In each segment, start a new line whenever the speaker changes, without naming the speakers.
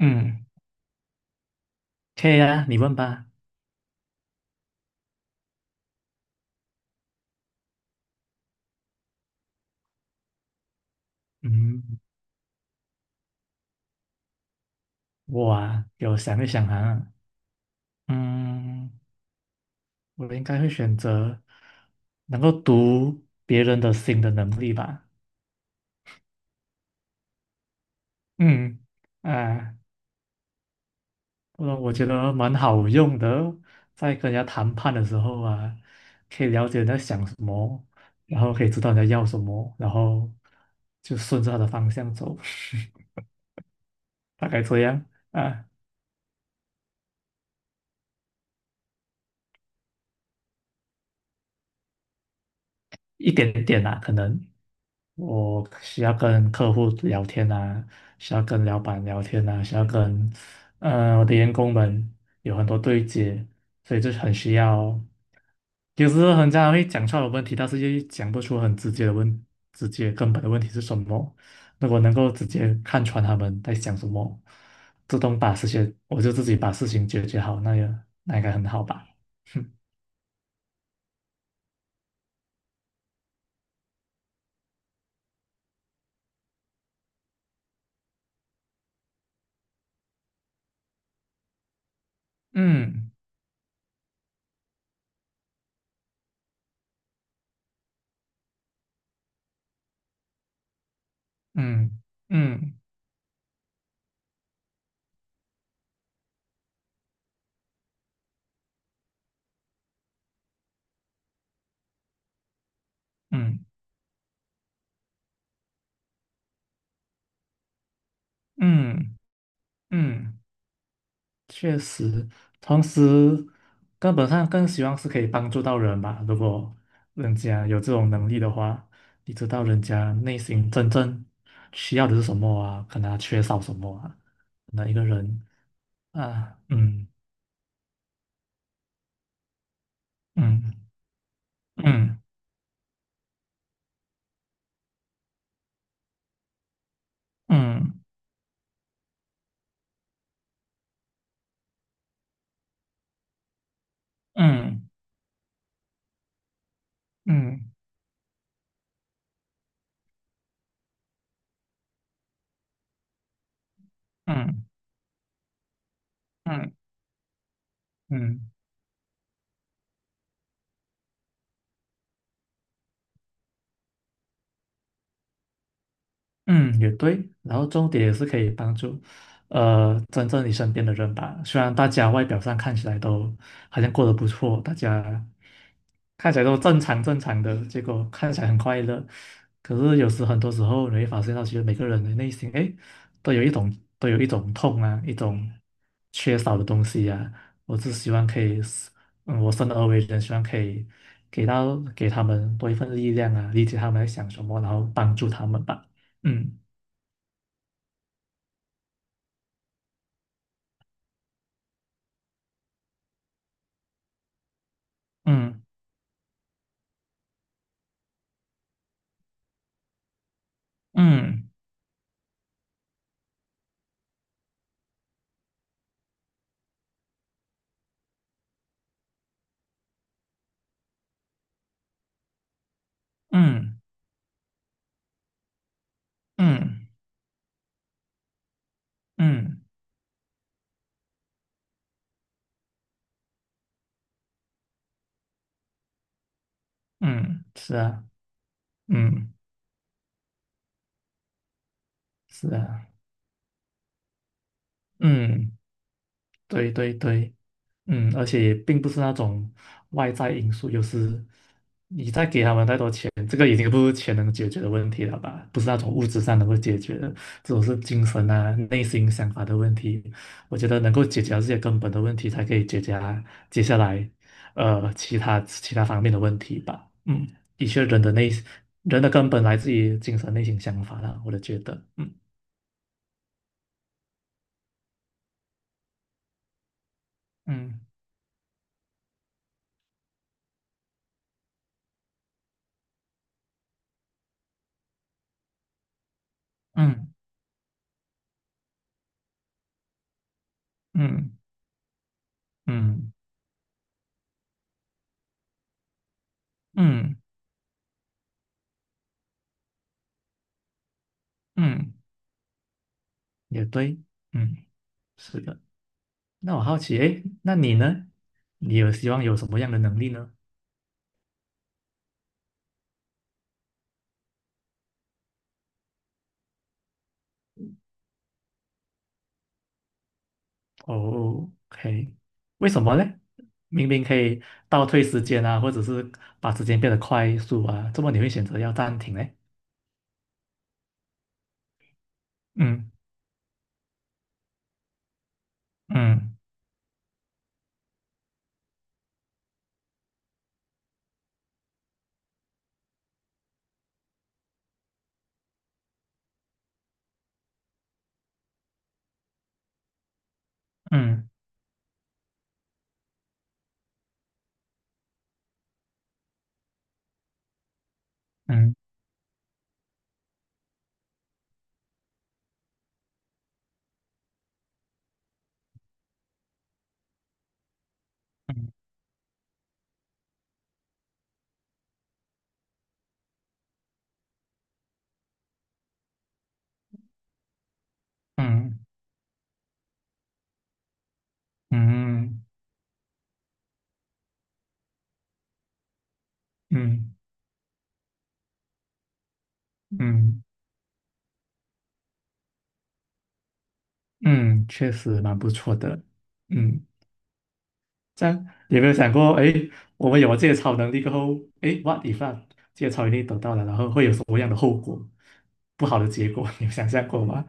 嗯，可以啊，你问吧。嗯，我啊，有想一想啊，嗯，我应该会选择能够读别人的心的能力吧。嗯，啊，我觉得蛮好用的哦，在跟人家谈判的时候啊，可以了解人家想什么，然后可以知道人家要什么，然后就顺着他的方向走，大概这样啊，一点点啊，可能。我需要跟客户聊天啊，需要跟老板聊天啊，需要跟我的员工们有很多对接，所以就是很需要。有时候很常会讲出来的问题，但是又讲不出很直接的问，直接根本的问题是什么。如果能够直接看穿他们在想什么，自动把事情，我就自己把事情解决好，那应该很好吧。嗯嗯嗯嗯嗯嗯嗯。确实，同时根本上更希望是可以帮助到人吧。如果人家有这种能力的话，你知道人家内心真正需要的是什么啊？可能他缺少什么啊？可能一个人啊，嗯嗯嗯嗯嗯嗯嗯嗯嗯嗯嗯。嗯，也对，然后重点也是可以帮助，真正你身边的人吧。虽然大家外表上看起来都好像过得不错，大家看起来都正常正常的，结果看起来很快乐。可是有时很多时候你会发现到，其实每个人的内心，哎，都有一种痛啊，一种缺少的东西啊。我只希望可以，我生而为人，希望可以给他们多一份力量啊，理解他们在想什么，然后帮助他们吧。嗯嗯嗯嗯嗯嗯嗯，是啊，嗯是啊，嗯，对对对。嗯，而且也并不是那种外在因素，有是你再给他们太多钱，这个已经不是钱能解决的问题了吧？不是那种物质上能够解决的，这种是精神啊、内心想法的问题。我觉得能够解决这些根本的问题，才可以解决啊接下来其他方面的问题吧。嗯，的确，人的根本来自于精神内心想法啦，我的觉得，嗯嗯嗯嗯嗯嗯嗯，也对。嗯。是的，那我好奇，诶，那你呢？你有希望有什么样的能力呢？哦，OK，为什么呢？明明可以倒退时间啊，或者是把时间变得快速啊，怎么你会选择要暂停呢？嗯嗯嗯嗯嗯嗯嗯嗯嗯嗯，嗯确实蛮不错的。嗯。这样有没有想过，哎，我们有了这些超能力过后，哎，what if 啊，这些超能力得到了，然后会有什么样的后果？不好的结果，你有想象过吗？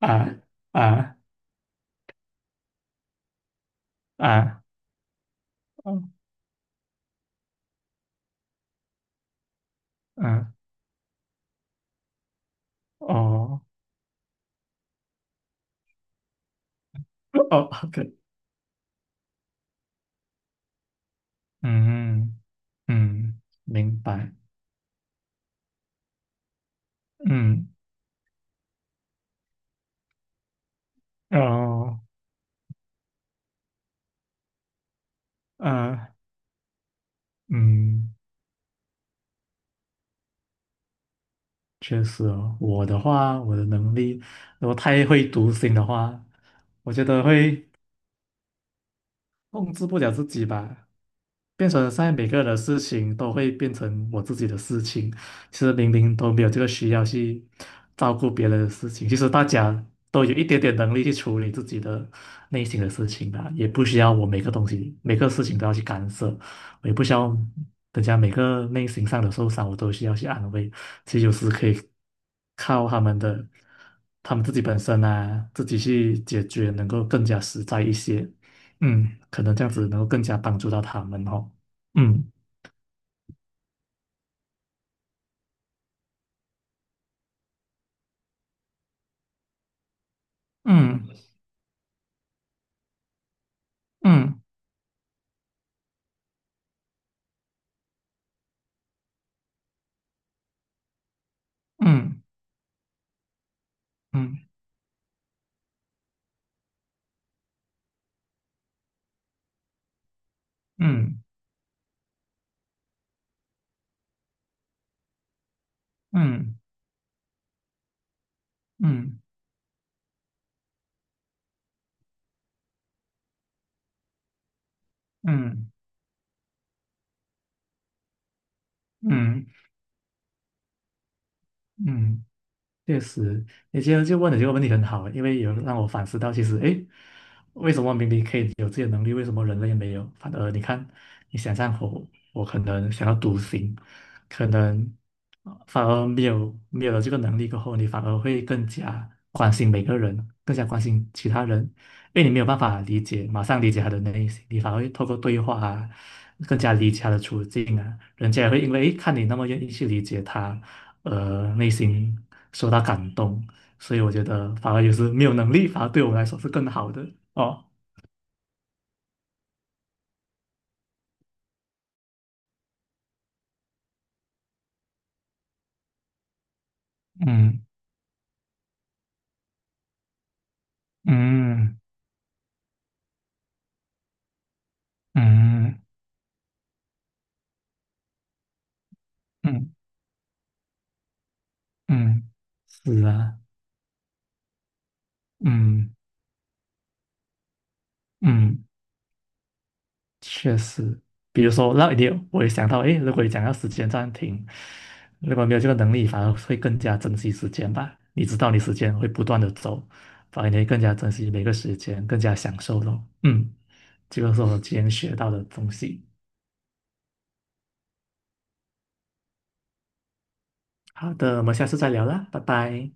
啊啊啊，嗯嗯，哦哦，OK，嗯嗯，明白，嗯哦啊嗯，确实哦，我的话，我的能力，如果太会读心的话，我觉得会控制不了自己吧。变成现在每个人的事情都会变成我自己的事情，其实明明都没有这个需要去照顾别人的事情，其实大家都有一点点能力去处理自己的内心的事情吧，也不需要我每个东西每个事情都要去干涉，我也不需要人家每个内心上的受伤我都需要去安慰，其实有时可以靠他们自己本身啊，自己去解决，能够更加实在一些。嗯，可能这样子能够更加帮助到他们哦。嗯嗯嗯嗯嗯嗯嗯嗯嗯嗯嗯嗯嗯确实，你今天就问的这个问题很好，因为有让我反思到，其实，诶，为什么明明可以有这些能力，为什么人类没有？反而你看，你想象我，我可能想要独行，可能反而没有了这个能力过后，你反而会更加关心每个人，更加关心其他人，因为你没有办法理解，马上理解他的内心，你反而会透过对话啊，更加理解他的处境啊，人家也会因为，诶，看你那么愿意去理解他。内心受到感动，所以我觉得反而有时没有能力，反而对我来说是更好的哦。嗯嗯嗯嗯嗯是啊，嗯嗯嗯嗯嗯嗯嗯确实，比如说那一点我也想到，诶，如果你讲要时间暂停，如果没有这个能力，反而会更加珍惜时间吧。你知道你时间会不断的走，反而你会更加珍惜每个时间，更加享受咯。嗯，这个是我今天学到的东西。好的，我们下次再聊啦，拜拜。